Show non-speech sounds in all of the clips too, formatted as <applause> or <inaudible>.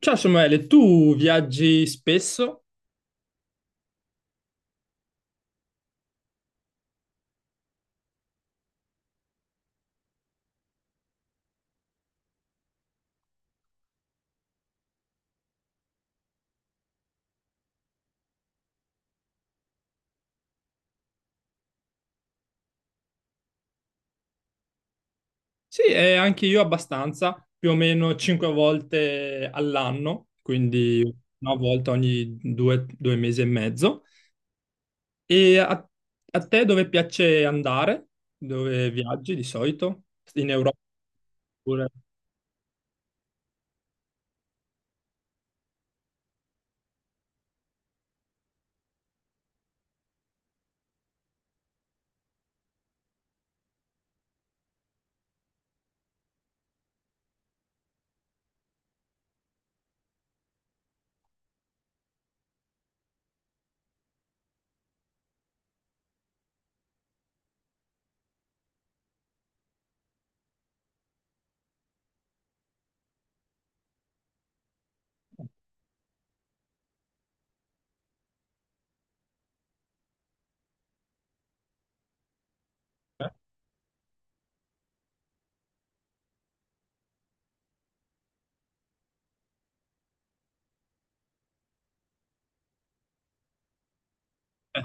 Ciao Samuele, tu viaggi spesso? Sì, e anche io abbastanza, più o meno cinque volte all'anno, quindi una volta ogni due, due mesi e mezzo. E a te dove piace andare? Dove viaggi di solito? In Europa pure? Eh.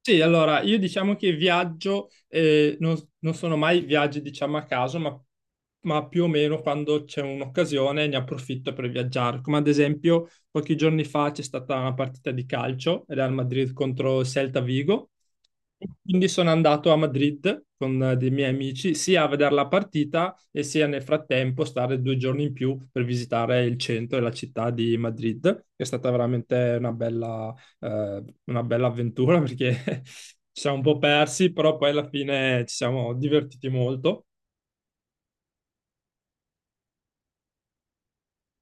Sì, allora io diciamo che viaggio, non sono mai viaggi diciamo a caso, ma più o meno quando c'è un'occasione ne approfitto per viaggiare. Come ad esempio pochi giorni fa c'è stata una partita di calcio, Real Madrid contro Celta Vigo, e quindi sono andato a Madrid con dei miei amici sia a vedere la partita e sia nel frattempo stare due giorni in più per visitare il centro e la città di Madrid, che è stata veramente una bella avventura perché <laughs> ci siamo un po' persi, però poi alla fine ci siamo divertiti molto.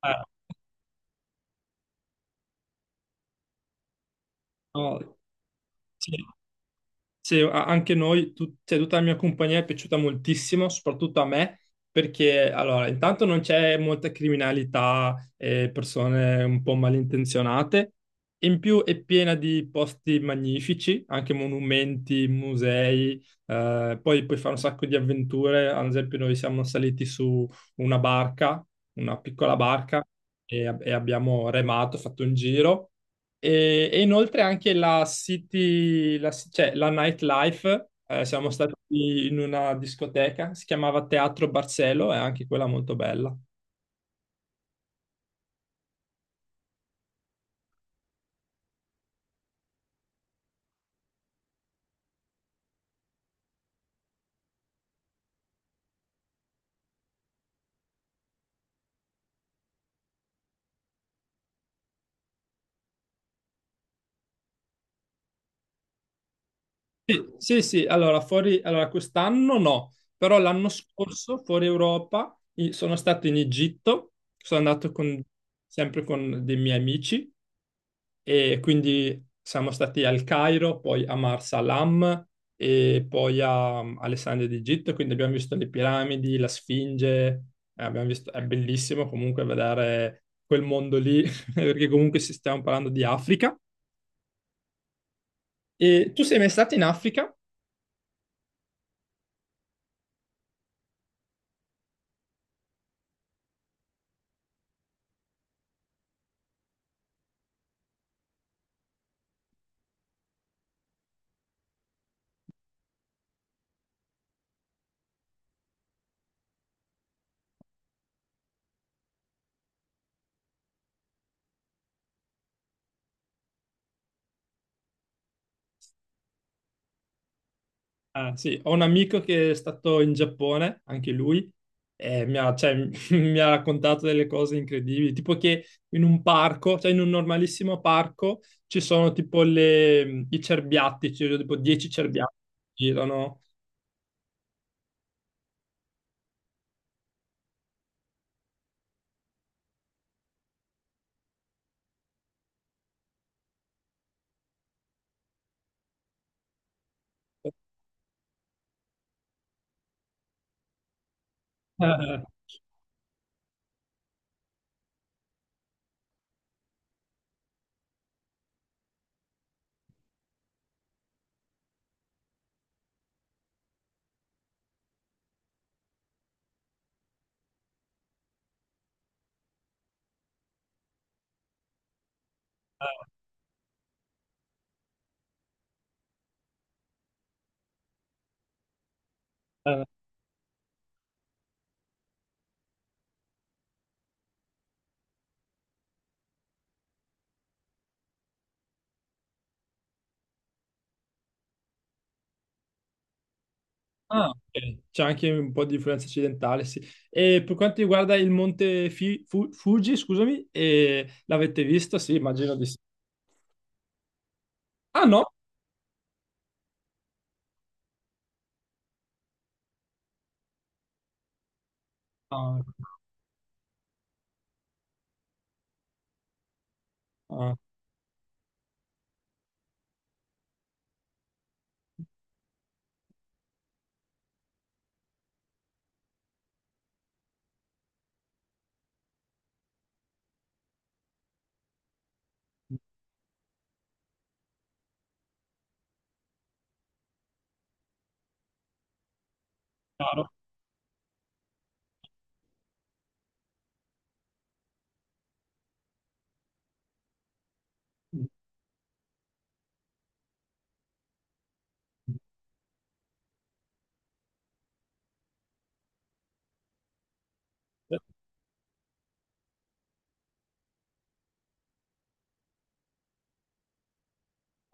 Eh, no, sì. Sì, anche noi, cioè, tutta la mia compagnia è piaciuta moltissimo, soprattutto a me, perché allora, intanto non c'è molta criminalità e persone un po' malintenzionate, in più è piena di posti magnifici, anche monumenti, musei, poi puoi fare un sacco di avventure, ad esempio noi siamo saliti su una barca, una piccola barca, e abbiamo remato, fatto un giro. E inoltre anche la city, cioè la nightlife, siamo stati in una discoteca, si chiamava Teatro Barcelo, è anche quella molto bella. Sì, sì, sì, allora fuori, allora quest'anno no, però l'anno scorso fuori Europa sono stato in Egitto, sono andato con, sempre con dei miei amici e quindi siamo stati al Cairo, poi a Marsalam e poi a Alessandria d'Egitto, quindi abbiamo visto le piramidi, la Sfinge, è bellissimo comunque vedere quel mondo lì, <laughs> perché comunque stiamo parlando di Africa. E tu sei mai stato in Africa? Ah, sì, ho un amico che è stato in Giappone, anche lui, e mi ha, cioè, <laughs> mi ha raccontato delle cose incredibili, tipo che in un parco, cioè in un normalissimo parco, ci sono tipo i cerbiatti, ci sono tipo 10 cerbiatti che girano. <laughs> Eh, eh, ah, ok. C'è anche un po' di influenza occidentale, sì. E per quanto riguarda il monte Fuji, scusami, l'avete visto? Sì, immagino di sì. Ah no? Ah, ah, chiaro.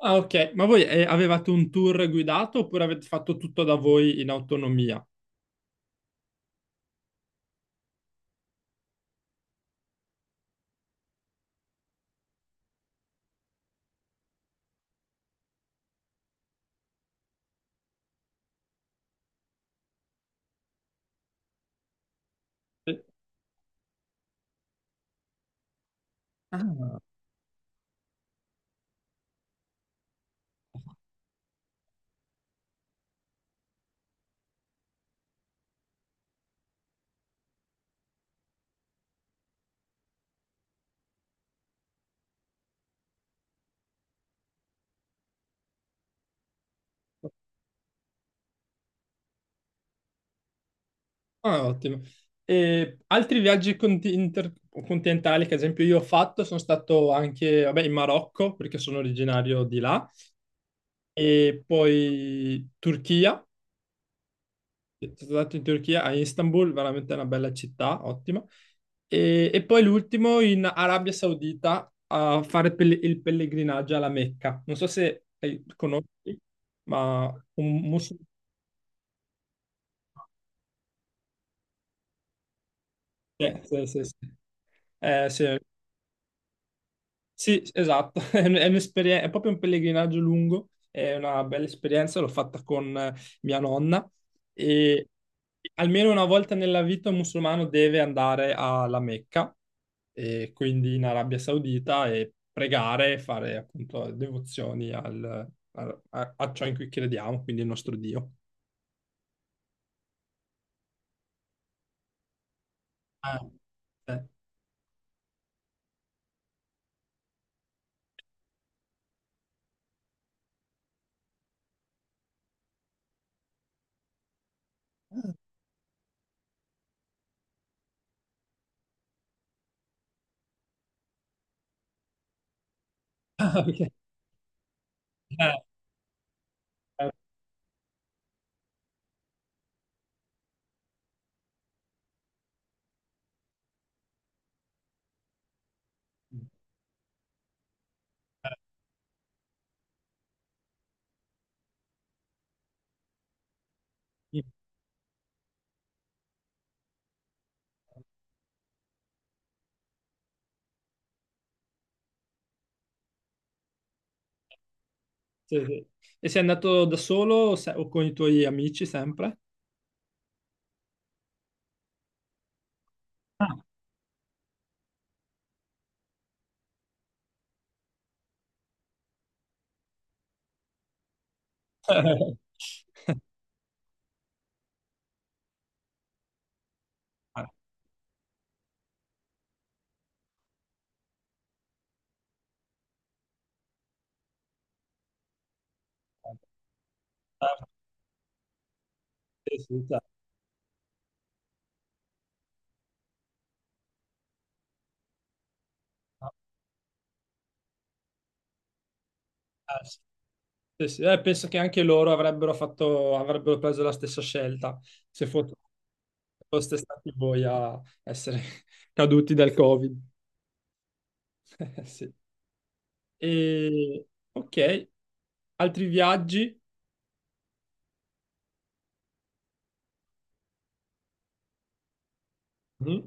Ah, ok. Ma voi avevate un tour guidato oppure avete fatto tutto da voi in autonomia? Sì. Ah. Ah, ottimo. E altri viaggi intercontinentali che ad esempio io ho fatto, sono stato anche, vabbè, in Marocco perché sono originario di là e poi Turchia. Sono stato in Turchia, a Istanbul, veramente una bella città, ottima. E poi l'ultimo in Arabia Saudita a fare il pellegrinaggio alla Mecca. Non so se conosci, ma un musulmano... Eh, sì, sì, sì. Sì. Sì, esatto, <laughs> è è è proprio un pellegrinaggio lungo, è una bella esperienza, l'ho fatta con mia nonna e almeno una volta nella vita un musulmano deve andare alla Mecca e quindi in Arabia Saudita e pregare e fare appunto devozioni a ciò in cui crediamo, quindi il nostro Dio. Ah, eh. <laughs> Ah, ok. Eh, eh. Sì, sì. E sei andato da solo o o con i tuoi amici sempre? Ah. <laughs> Ah, certo. Sì, sì, certo. Ah, sì, sì. Penso che anche loro avrebbero fatto, avrebbero preso la stessa scelta se foste stati voi a essere <laughs> caduti dal Covid. <laughs> Sì. E, ok, altri viaggi? Mhm.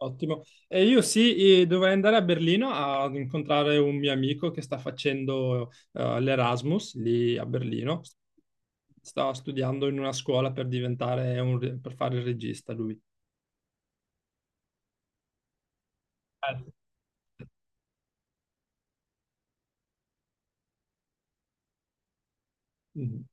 Ottimo. E io sì, dovrei andare a Berlino ad incontrare un mio amico che sta facendo l'Erasmus lì a Berlino. Sta studiando in una scuola per diventare per fare il regista lui. Eh. Mhm.